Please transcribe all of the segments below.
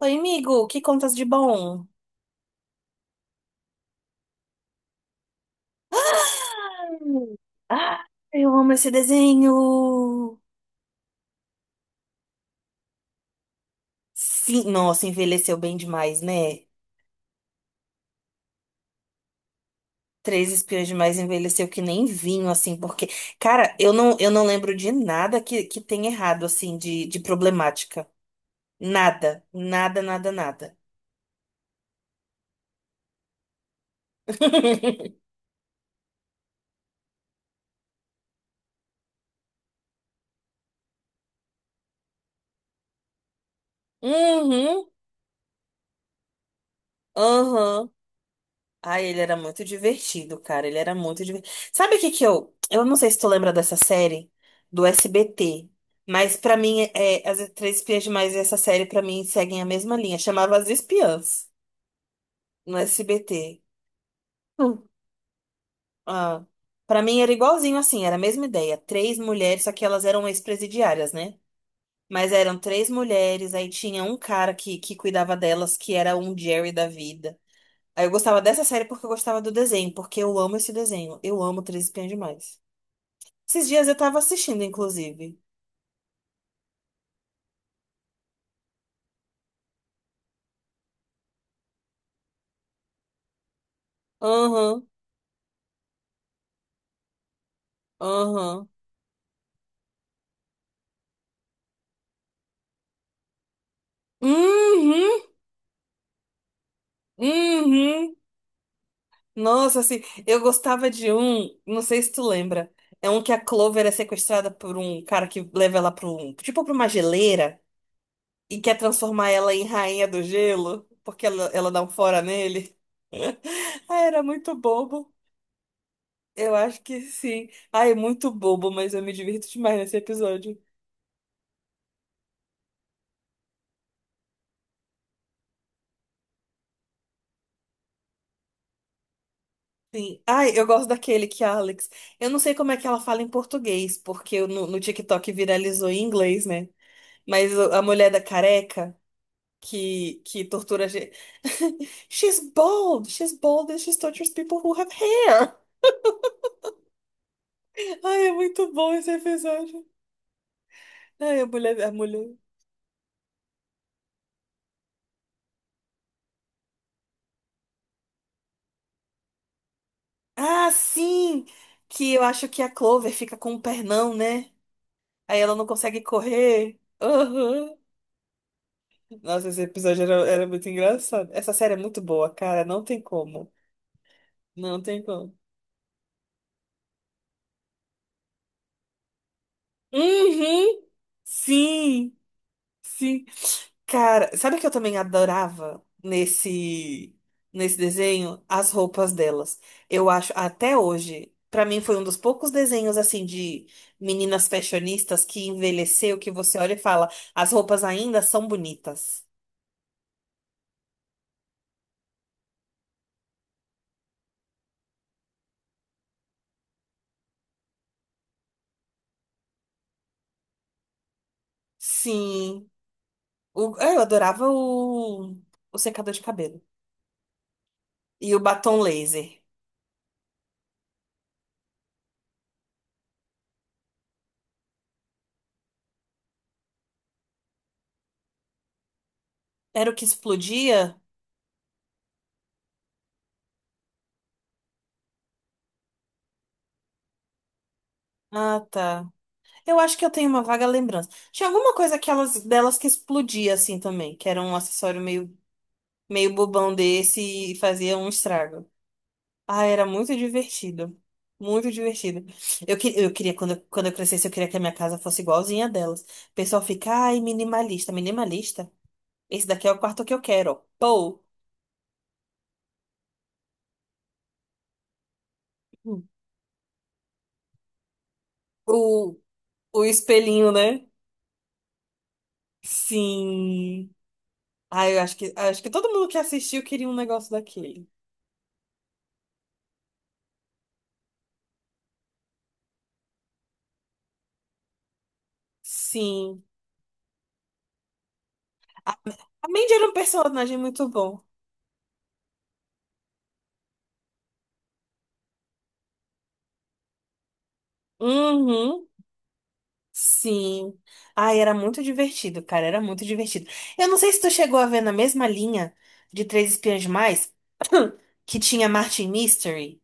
Oi, amigo, que contas de bom? Ah, eu amo esse desenho. Sim, nossa, envelheceu bem demais, né? Três Espiões Demais envelheceu que nem vinho, assim, porque, cara, eu não lembro de nada que tem errado, assim, de problemática. Nada, nada, nada, nada. Uhum, aham. Ai, ele era muito divertido, cara. Ele era muito divertido. Sabe o que que eu. Eu não sei se tu lembra dessa série do SBT, mas pra mim, é, As Três Espiãs Demais e essa série, pra mim, seguem a mesma linha. Chamava As Espiãs no SBT. Hum. Ah, para mim era igualzinho assim, era a mesma ideia. Três mulheres, só que elas eram ex-presidiárias, né? Mas eram três mulheres, aí tinha um cara que cuidava delas, que era um Jerry da vida. Aí eu gostava dessa série porque eu gostava do desenho, porque eu amo esse desenho. Eu amo Três Espiãs Demais. Esses dias eu tava assistindo, inclusive. Aham, aham. Uhum, uhum. Nossa, assim, eu gostava de um, não sei se tu lembra. É um que a Clover é sequestrada por um cara que leva ela pra um, tipo pra uma geleira, e quer transformar ela em rainha do gelo, porque ela dá um fora nele. Ah, era muito bobo. Eu acho que sim. Ah, é muito bobo, mas eu me divirto demais nesse episódio. Sim. Ai, eu gosto daquele que a Alex. Eu não sei como é que ela fala em português, porque no TikTok viralizou em inglês, né? Mas a mulher da careca que tortura a gente. She's bald! She's bald and she tortures people who have hair! Ai, é muito bom esse episódio. Ai, a mulher, a mulher. Ah, sim! Que eu acho que a Clover fica com um pernão, né? Aí ela não consegue correr. Aham. Nossa, esse episódio era muito engraçado. Essa série é muito boa, cara. Não tem como. Não tem como. Uhum! Sim! Sim! Cara, sabe o que eu também adorava nesse desenho? As roupas delas. Eu acho, até hoje, pra mim foi um dos poucos desenhos assim de meninas fashionistas que envelheceu, que você olha e fala, as roupas ainda são bonitas. Sim. Eu adorava o secador de cabelo. E o batom laser. Era o que explodia? Ah, tá. Eu acho que eu tenho uma vaga lembrança. Tinha alguma coisa que delas que explodia assim também, que era um acessório meio, meio bobão desse e fazia um estrago. Ah, era muito divertido. Muito divertido. Eu queria, quando eu crescesse, eu queria que a minha casa fosse igualzinha a delas. O pessoal fica, ai, minimalista, minimalista. Esse daqui é o quarto que eu quero. Pô, o, o espelhinho, né? Sim. Ah, eu acho que todo mundo que assistiu queria um negócio daquele. Sim. A, a Mandy era um personagem muito bom. Uhum. Sim. Ai, era muito divertido, cara. Era muito divertido. Eu não sei se tu chegou a ver na mesma linha de Três Espiãs Demais, que tinha Martin Mystery.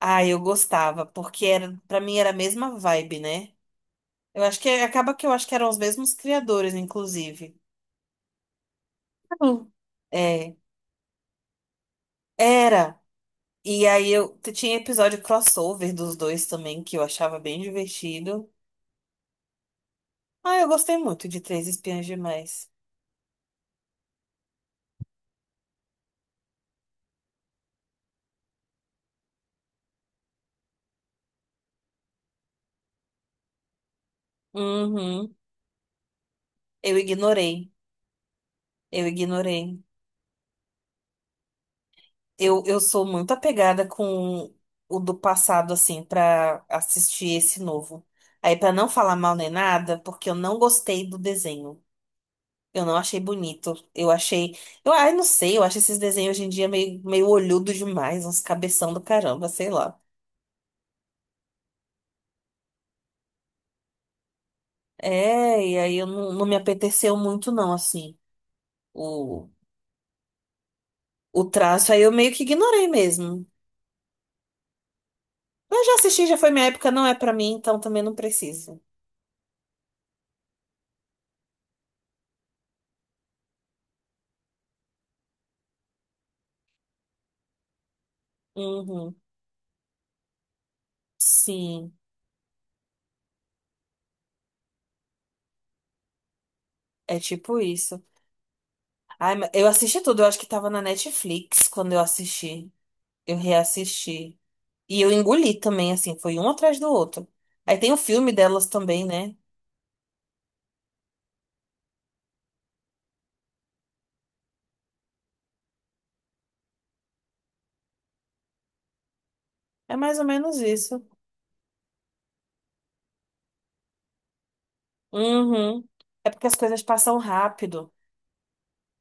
Ah, eu gostava, porque era, pra mim era a mesma vibe, né? Eu acho que acaba que eu acho que eram os mesmos criadores, inclusive. Hum. É. Era. E aí tinha episódio crossover dos dois também, que eu achava bem divertido. Ah, eu gostei muito de Três Espiãs Demais. Uhum. Eu ignorei. Eu ignorei. Eu sou muito apegada com o do passado, assim, pra assistir esse novo. Aí, pra não falar mal nem nada, porque eu não gostei do desenho. Eu não achei bonito. Eu achei. Eu, ai, não sei, eu acho esses desenhos hoje em dia meio, meio olhudo demais, uns cabeção do caramba, sei lá. É, e aí eu não me apeteceu muito, não, assim, o, o traço. Aí eu meio que ignorei mesmo. Eu já assisti, já foi minha época, não é pra mim, então também não preciso. Uhum. Sim, é tipo isso. Ai, mas eu assisti tudo, eu acho que tava na Netflix quando eu assisti. Eu reassisti. E eu engoli também, assim, foi um atrás do outro. Aí tem o filme delas também, né? É mais ou menos isso. Uhum. É porque as coisas passam rápido.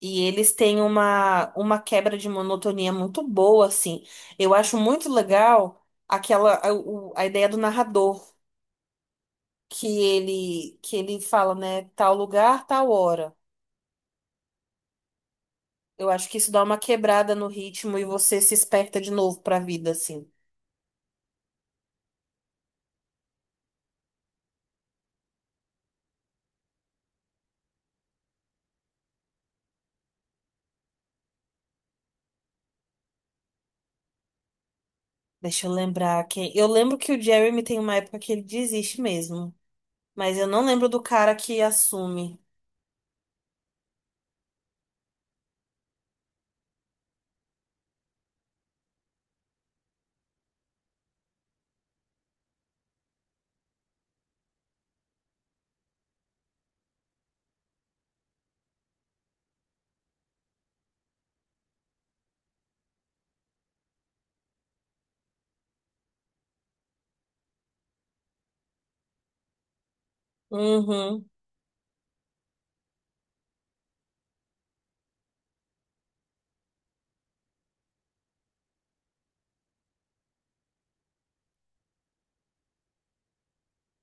E eles têm uma quebra de monotonia muito boa, assim. Eu acho muito legal a ideia do narrador, que ele fala, né, tal lugar, tal hora. Eu acho que isso dá uma quebrada no ritmo e você se esperta de novo pra vida, assim. Deixa eu lembrar quem. Eu lembro que o Jeremy tem uma época que ele desiste mesmo. Mas eu não lembro do cara que assume. Uhum.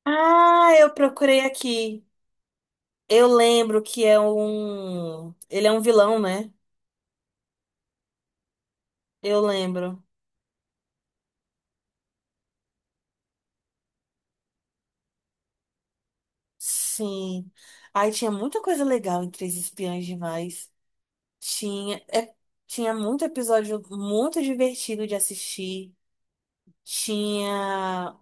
Ah, eu procurei aqui. Eu lembro que é um. Ele é um vilão, né? Eu lembro. Sim. Ai, tinha muita coisa legal em Três Espiãs Demais. Tinha. Tinha muito episódio muito divertido de assistir. Tinha.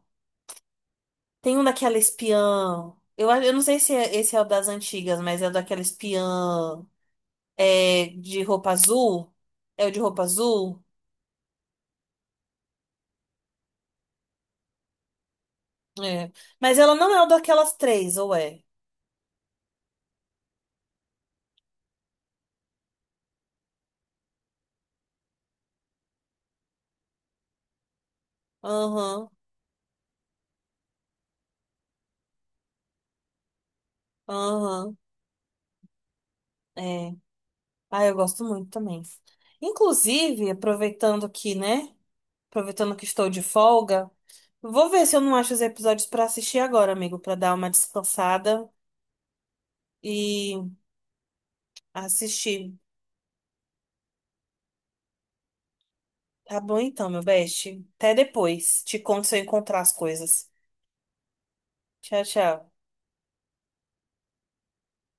Tem um daquela espiã. Eu não sei se esse é o das antigas, mas é o daquela espiã. É, de roupa azul. É o de roupa azul? É. Mas ela não é o daquelas três, ou é? Aham, aham. É. Ah, eu gosto muito também. Inclusive, aproveitando que, né? Aproveitando que estou de folga, vou ver se eu não acho os episódios pra assistir agora, amigo, pra dar uma descansada e assistir. Tá bom então, meu best. Até depois. Te conto se eu encontrar as coisas. Tchau, tchau.